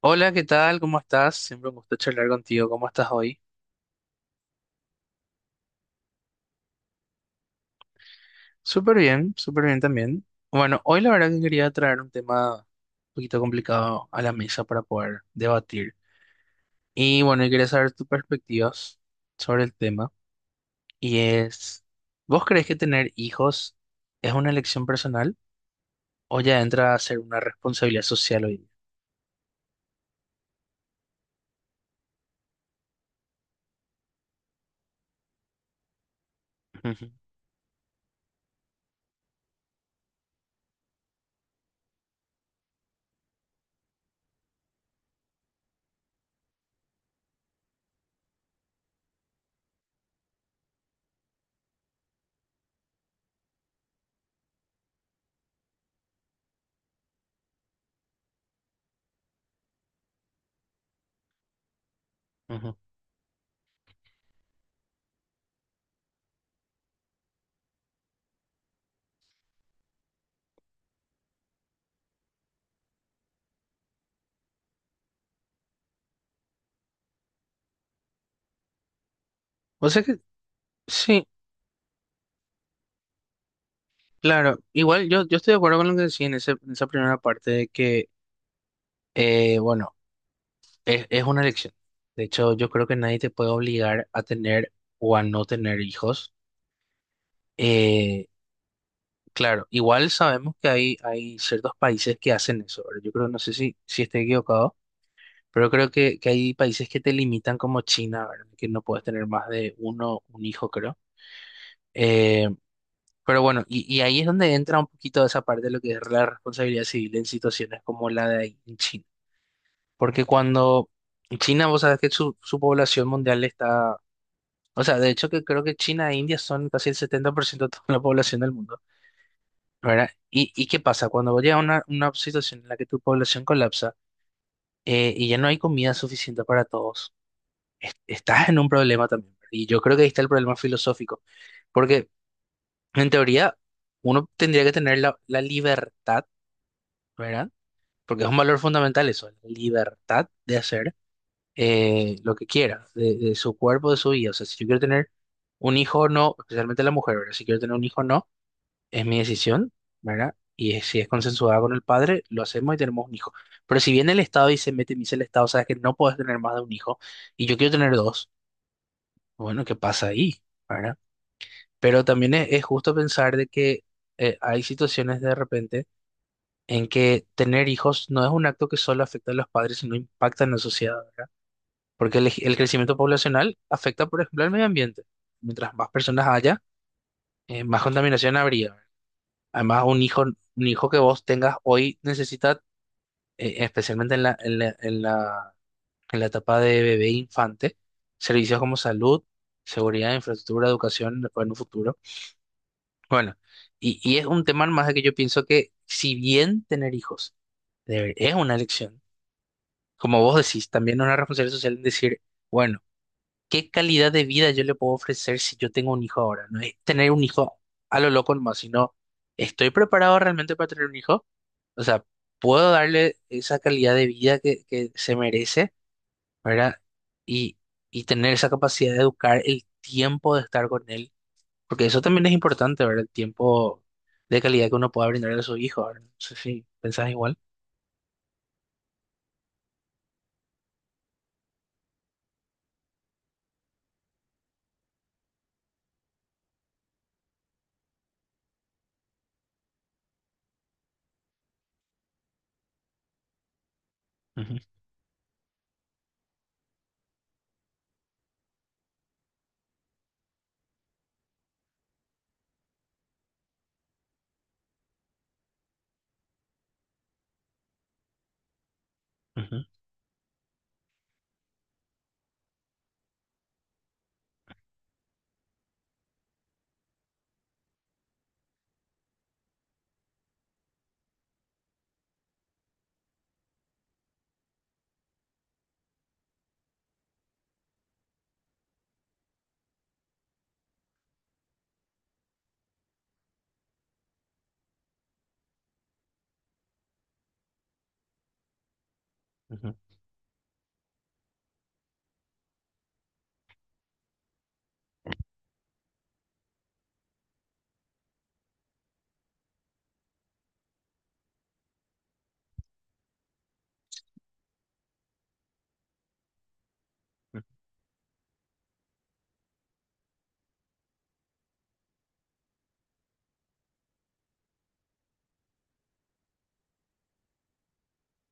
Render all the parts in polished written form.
Hola, ¿qué tal? ¿Cómo estás? Siempre un gusto charlar contigo. ¿Cómo estás hoy? Súper bien también. Bueno, hoy la verdad que quería traer un tema un poquito complicado a la mesa para poder debatir. Y bueno, yo quería saber tus perspectivas sobre el tema. Y es, ¿vos crees que tener hijos es una elección personal o ya entra a ser una responsabilidad social hoy día? Ujú, ujú. O sea que sí, claro. Igual yo estoy de acuerdo con lo que decía en, en esa primera parte de que, bueno, es una elección. De hecho, yo creo que nadie te puede obligar a tener o a no tener hijos. Eh, claro, igual sabemos que hay ciertos países que hacen eso, ¿verdad? Yo creo, no sé si estoy equivocado, pero creo que hay países que te limitan como China, ¿verdad? Que no puedes tener más de uno, un hijo, creo. Eh, pero bueno, y ahí es donde entra un poquito esa parte de lo que es la responsabilidad civil en situaciones como la de ahí en China. Porque cuando China, vos sabés que su población mundial está. O sea, de hecho que creo que China e India son casi el 70% de toda la población del mundo, ¿verdad? Y qué pasa? Cuando vos llegas a una situación en la que tu población colapsa, y ya no hay comida suficiente para todos, estás en un problema también. Y yo creo que ahí está el problema filosófico, porque en teoría uno tendría que tener la libertad, ¿verdad? Porque es un valor fundamental eso, la libertad de hacer lo que quiera, de su cuerpo, de su vida. O sea, si yo quiero tener un hijo o no, especialmente la mujer, ¿verdad? Si quiero tener un hijo o no es mi decisión, ¿verdad? Y si es consensuada con el padre, lo hacemos y tenemos un hijo. Pero si viene el Estado y se mete y me dice el Estado, sabes que no puedes tener más de un hijo y yo quiero tener dos, bueno, ¿qué pasa ahí? ¿Verdad? Pero también es justo pensar de que hay situaciones de repente en que tener hijos no es un acto que solo afecta a los padres, sino impacta en la sociedad, ¿verdad? Porque el crecimiento poblacional afecta, por ejemplo, al medio ambiente. Mientras más personas haya, más contaminación habría, ¿verdad? Además, un hijo que vos tengas hoy necesita, especialmente en en la etapa de bebé e infante, servicios como salud, seguridad, infraestructura, educación, después en un futuro. Bueno, y es un tema más de que yo pienso que si bien tener hijos es una elección, como vos decís, también es una responsabilidad social en decir, bueno, ¿qué calidad de vida yo le puedo ofrecer si yo tengo un hijo ahora? No es tener un hijo a lo loco nomás, sino, ¿estoy preparado realmente para tener un hijo? O sea, puedo darle esa calidad de vida que se merece, ¿verdad? Y, y tener esa capacidad de educar el tiempo de estar con él, porque eso también es importante, ¿verdad? El tiempo de calidad que uno pueda brindarle a su hijo, ¿verdad? No sé si pensás igual. Ujú, ujú, ujú.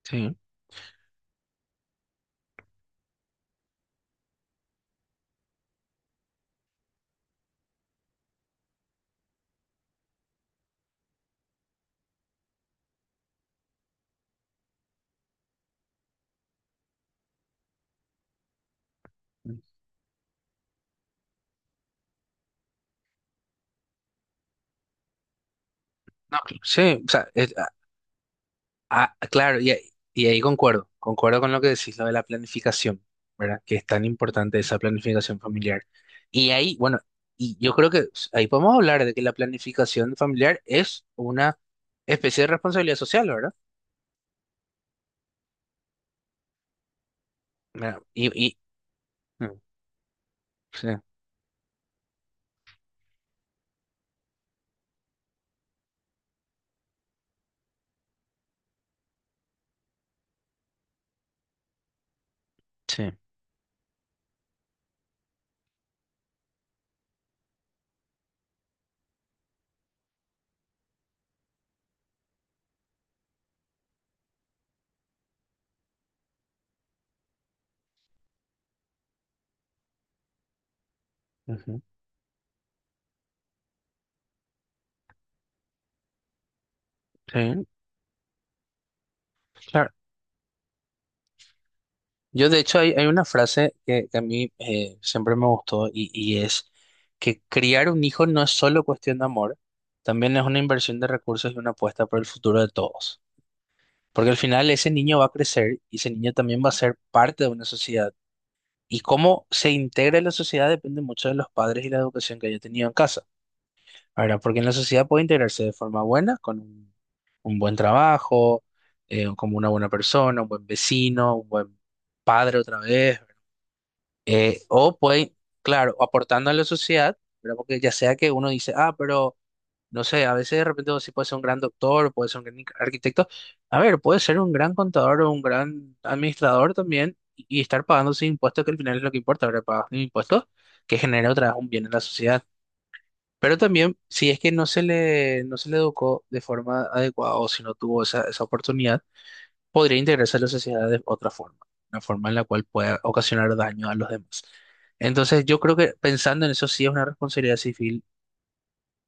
Sí. No, sí, o sea, es-. Ah, claro, ahí concuerdo, concuerdo con lo que decís, lo de la planificación, ¿verdad? Que es tan importante esa planificación familiar. Y ahí, bueno, y yo creo que ahí podemos hablar de que la planificación familiar es una especie de responsabilidad social, ¿verdad? Mira, y, mm, sí, sí, ujú, sí, claro. Yo, de hecho, hay una frase que a mí siempre me gustó y es que criar un hijo no es solo cuestión de amor, también es una inversión de recursos y una apuesta por el futuro de todos. Porque al final ese niño va a crecer y ese niño también va a ser parte de una sociedad. Y cómo se integra en la sociedad depende mucho de los padres y la educación que haya tenido en casa. Ahora, porque en la sociedad puede integrarse de forma buena, con un buen trabajo, como una buena persona, un buen vecino, un buen padre otra vez. O pueden, claro, aportando a la sociedad, ¿verdad? Porque ya sea que uno dice, ah, pero no sé, a veces de repente vos sí puede ser un gran doctor, puede ser un gran arquitecto. A ver, puede ser un gran contador o un gran administrador también y estar pagando sus impuestos, que al final es lo que importa, ¿verdad? Pagas un impuesto que genera otra vez un bien en la sociedad. Pero también, si es que no se le educó de forma adecuada o si no tuvo esa, esa oportunidad podría integrarse a la sociedad de otra forma, una forma en la cual pueda ocasionar daño a los demás. Entonces, yo creo que pensando en eso sí es una responsabilidad civil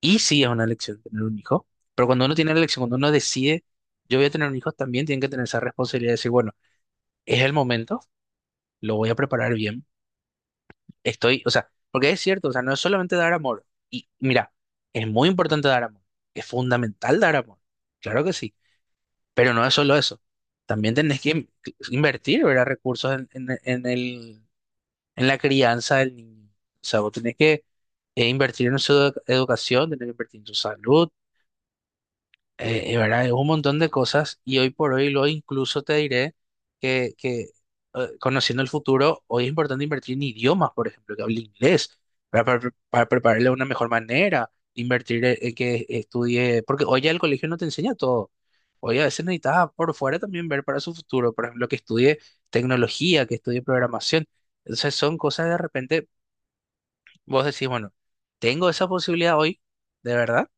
y sí es una elección tener un hijo, pero cuando uno tiene la elección, cuando uno decide, yo voy a tener un hijo, también tiene que tener esa responsabilidad de decir, bueno, es el momento, lo voy a preparar bien, estoy, o sea, porque es cierto, o sea, no es solamente dar amor, y mira, es muy importante dar amor, es fundamental dar amor, claro que sí. Pero no es solo eso. También tenés que invertir, ¿verdad? Recursos en en la crianza del niño. O sea, vos tenés que invertir en su educación, tenés que invertir en su salud, ¿verdad? Es un montón de cosas y hoy por hoy lo incluso te diré que conociendo el futuro, hoy es importante invertir en idiomas, por ejemplo, que hable inglés, ¿verdad? Para, para prepararle de una mejor manera, invertir en que estudie, porque hoy ya el colegio no te enseña todo. Hoy a veces necesitas por fuera también ver para su futuro, por ejemplo, que estudie tecnología, que estudie programación. Entonces son cosas de repente, vos decís, bueno, tengo esa posibilidad hoy, de verdad.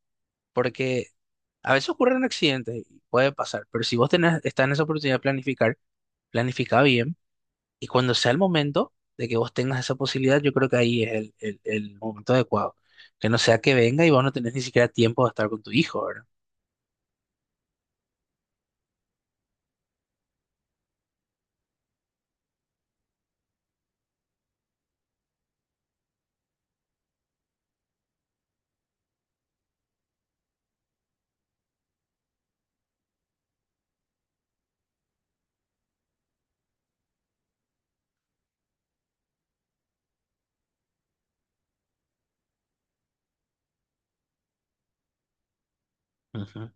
Porque a veces ocurren accidentes y puede pasar, pero si vos tenés, estás en esa oportunidad de planificar, planifica bien y cuando sea el momento de que vos tengas esa posibilidad, yo creo que ahí es el momento adecuado. Que no sea que venga y vos no tenés ni siquiera tiempo de estar con tu hijo, ¿verdad? Ujú.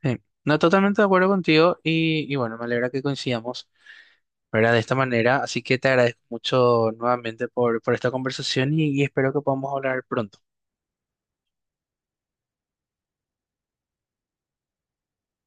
Sí, no, totalmente de acuerdo contigo y bueno, me alegra que coincidamos, ¿verdad? De esta manera, así que te agradezco mucho nuevamente por esta conversación y espero que podamos hablar pronto.